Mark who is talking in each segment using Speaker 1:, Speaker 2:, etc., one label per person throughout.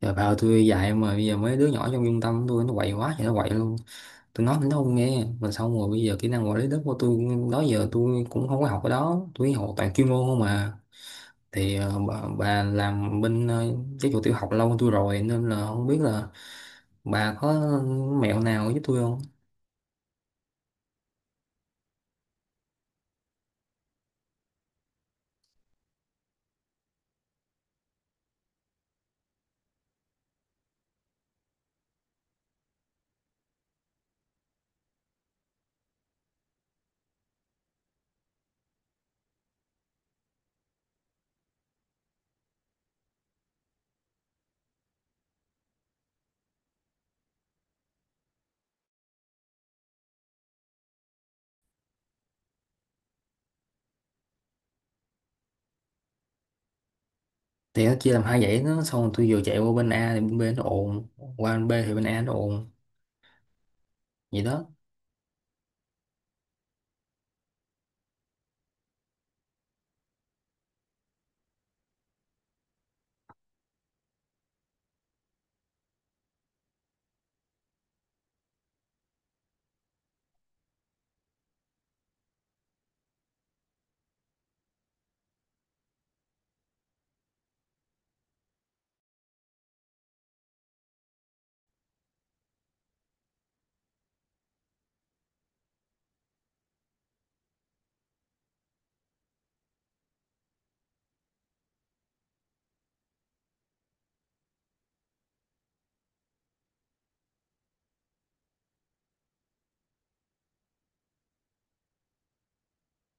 Speaker 1: Giờ vào tôi dạy mà bây giờ mấy đứa nhỏ trong trung tâm tôi nó quậy quá thì nó quậy luôn. Tôi nói thì nó không nghe. Mà xong rồi bây giờ kỹ năng quản lý đất của tôi đó giờ tôi cũng không có học ở đó. Tôi học toàn chuyên môn không mà. Thì bà làm bên giáo dục tiểu học lâu hơn tôi rồi nên là không biết là bà có mẹo nào giúp tôi không? Thì nó chia làm hai dãy nó, xong rồi tôi vừa chạy qua bên A thì bên B nó ồn. Qua bên B thì bên A nó ồn. Vậy đó.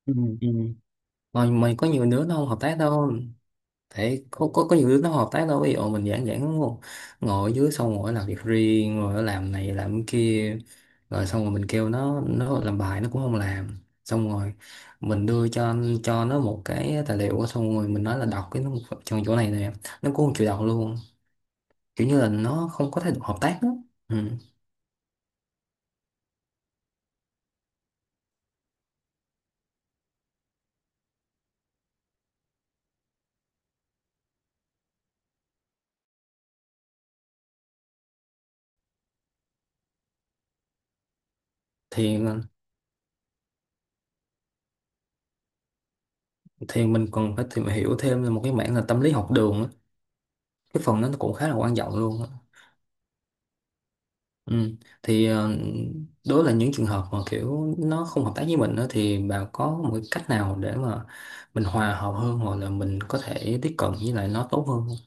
Speaker 1: Ừ, ừ. Mà có nhiều đứa nó không hợp tác đâu. Thế có nhiều đứa nó hợp tác đâu, ví dụ mình giảng giảng ngồi ngồi ở dưới xong rồi nó làm việc riêng, rồi nó làm này làm cái kia, rồi xong rồi mình kêu nó làm bài nó cũng không làm. Xong rồi mình đưa cho nó một cái tài liệu, xong rồi mình nói là đọc cái nó trong chỗ này nè, nó cũng không chịu đọc luôn, kiểu như là nó không có thái độ hợp tác đó. Ừ. thì thì mình còn phải tìm hiểu thêm một cái mảng là tâm lý học đường á. Cái phần đó nó cũng khá là quan trọng luôn á. Ừ. Thì đó là những trường hợp mà kiểu nó không hợp tác với mình đó, thì bà có một cái cách nào để mà mình hòa hợp hơn hoặc là mình có thể tiếp cận với lại nó tốt hơn không?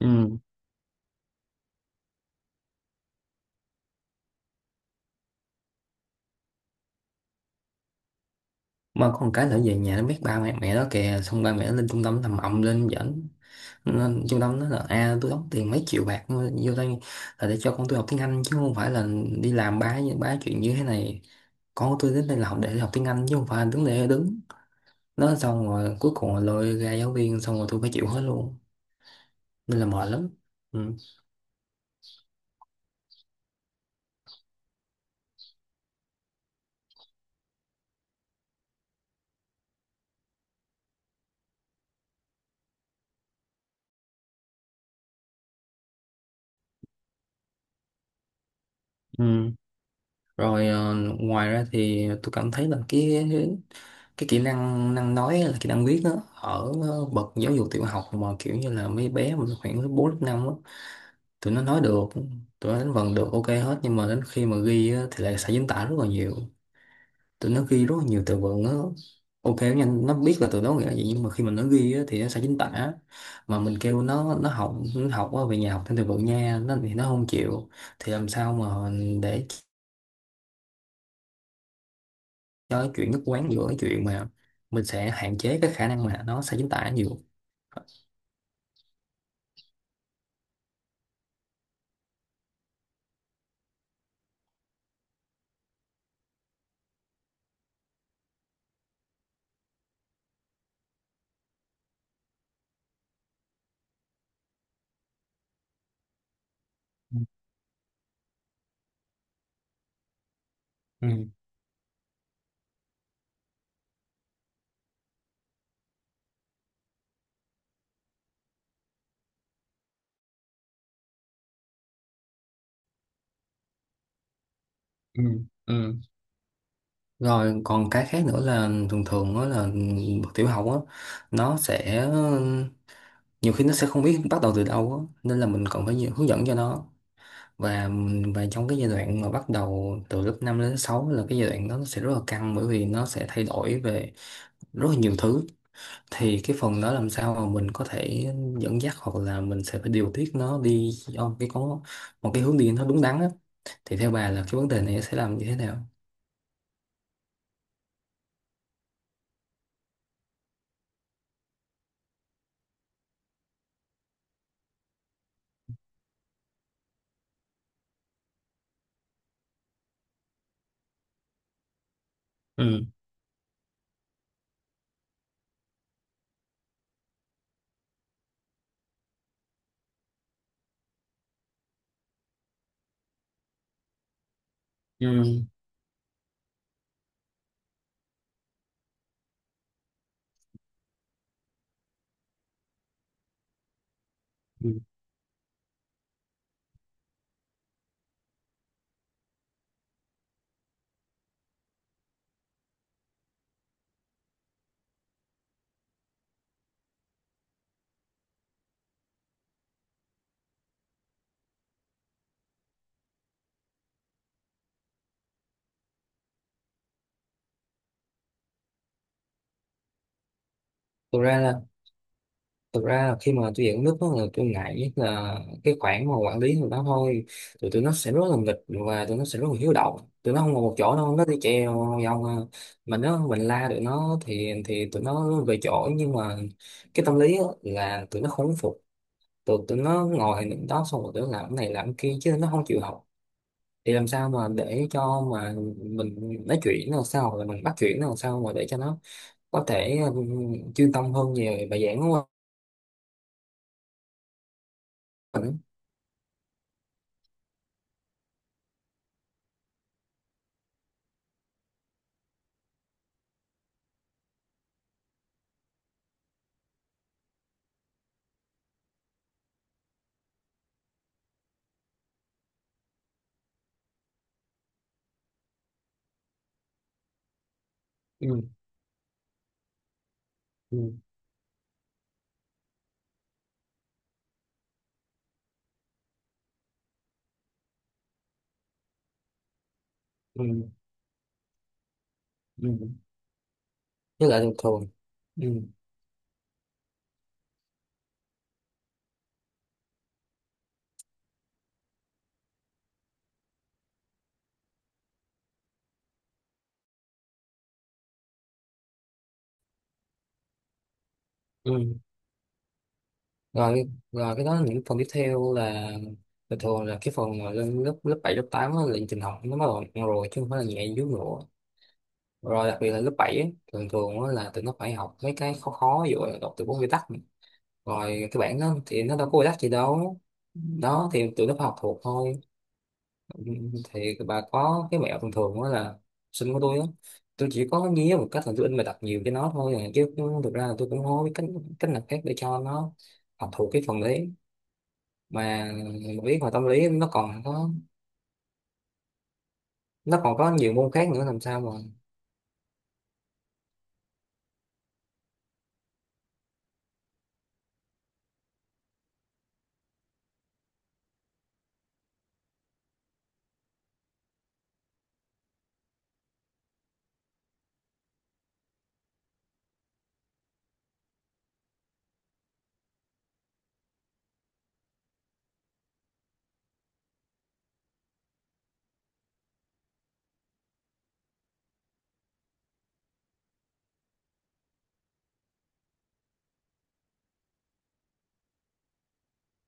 Speaker 1: Ừ. Mà có một cái nữa, về nhà nó biết ba mẹ mẹ đó kìa, xong ba mẹ nó lên trung tâm làm ầm lên, dẫn nên trung tâm nó là à, tôi đóng tiền mấy triệu bạc vô đây là để cho con tôi học tiếng Anh, chứ không phải là đi làm bá bá chuyện như thế này. Con của tôi đến đây là học để học tiếng Anh chứ không phải là đứng để đứng nó, xong rồi cuối cùng là lôi ra giáo viên, xong rồi tôi phải chịu hết luôn, nên là mệt lắm. Ừ. Ừ. Rồi ngoài ra thì tôi cảm thấy là cái kỹ năng năng nói, là kỹ năng viết á, ở bậc giáo dục tiểu học, mà kiểu như là mấy bé mà khoảng lớp 4, lớp 5 á, tụi nó nói được, tụi nó đánh vần được ok hết, nhưng mà đến khi mà ghi á, thì lại sai chính tả rất là nhiều. Tụi nó ghi rất là nhiều từ vựng, nó ok, nó nhanh, nó biết là từ đó nghĩa là gì, nhưng mà khi mà nó ghi á, thì nó sẽ chính tả. Mà mình kêu nó học á, về nhà học thêm từ vựng nha, nó thì nó không chịu. Thì làm sao mà để cho cái chuyện nhất quán giữa cái chuyện mà mình sẽ hạn chế cái khả năng mà nó sẽ chính tả nhiều. Ừ, ừ, ừ. Rồi còn cái khác nữa là thường thường đó là bậc tiểu học á, nó sẽ nhiều khi nó sẽ không biết bắt đầu từ đâu á, nên là mình còn phải nhiều hướng dẫn cho nó. Và và trong cái giai đoạn mà bắt đầu từ lớp 5 đến 6 là cái giai đoạn đó, nó sẽ rất là căng bởi vì nó sẽ thay đổi về rất là nhiều thứ. Thì cái phần đó làm sao mà mình có thể dẫn dắt hoặc là mình sẽ phải điều tiết nó đi ở cái có một cái hướng đi nó đúng đắn á, thì theo bà là cái vấn đề này sẽ làm như thế nào? Ừ. Ừ. Ừ. Thực ra là thực ra là khi mà tôi dẫn nước đó là tôi ngại nhất là cái khoản mà quản lý người đó thôi. Tụi tụi nó sẽ rất là nghịch và tụi nó sẽ rất là hiếu động. Tụi nó không ngồi một chỗ đâu, nó đi treo vòng à. Mà nếu mình la tụi nó thì tụi nó về chỗ nhưng mà cái tâm lý á là tụi nó không phục. Tụi tụi nó ngồi những đó, xong rồi tụi nó làm cái này làm cái kia chứ nó không chịu học. Thì làm sao mà để cho mà mình nói chuyện nó làm sao hoặc là mình bắt chuyện nó làm sao mà để cho nó có thể chuyên tâm hơn về bài giảng của mình. Ừ. Ừ. Ừ, ừ, với lại thường thường. Ừ, ừ. Rồi cái đó những phần tiếp theo là thường thường là cái phần mà lên lớp lớp bảy lớp 8 á, là trình học nó bắt đầu nặng rồi chứ không phải là nhẹ dưới nữa. Rồi đặc biệt là lớp 7 á, thường thường á là tụi nó phải học mấy cái khó khó, ví dụ là đọc từ vựng quy tắc này. Rồi cái bản đó thì nó đâu có quy tắc gì đâu, đó thì tụi nó phải học thuộc thôi. Ừ, thì bà có cái mẹo thường thường đó là sinh của tôi á, tôi chỉ có nhía một cách là tôi in bài tập nhiều cho nó thôi à. Thực ra là tôi cũng không có biết cách cách nào khác để cho nó học thuộc cái phần đấy, mà biết mà tâm lý nó còn có. Nó còn có nhiều môn khác nữa làm sao mà.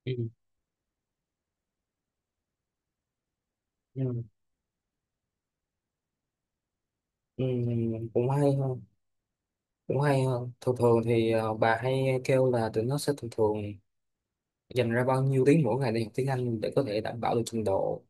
Speaker 1: Ừ. ừ. Ừ, cũng hay hơn cũng hay hơn thường thường thì bà hay kêu là tụi nó sẽ thường thường dành ra bao nhiêu tiếng mỗi ngày để học tiếng Anh để có thể đảm bảo được trình độ.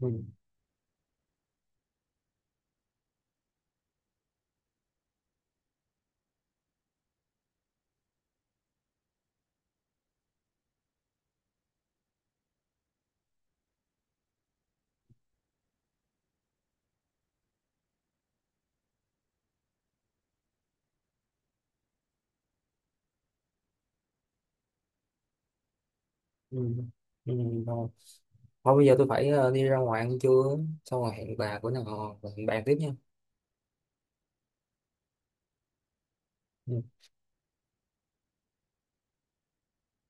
Speaker 1: Ừ. Ừ. Ừ. Thôi bây giờ tôi phải đi ra ngoài ăn trưa, xong rồi hẹn bà bữa nào hẹn bàn tiếp nha. Ừ.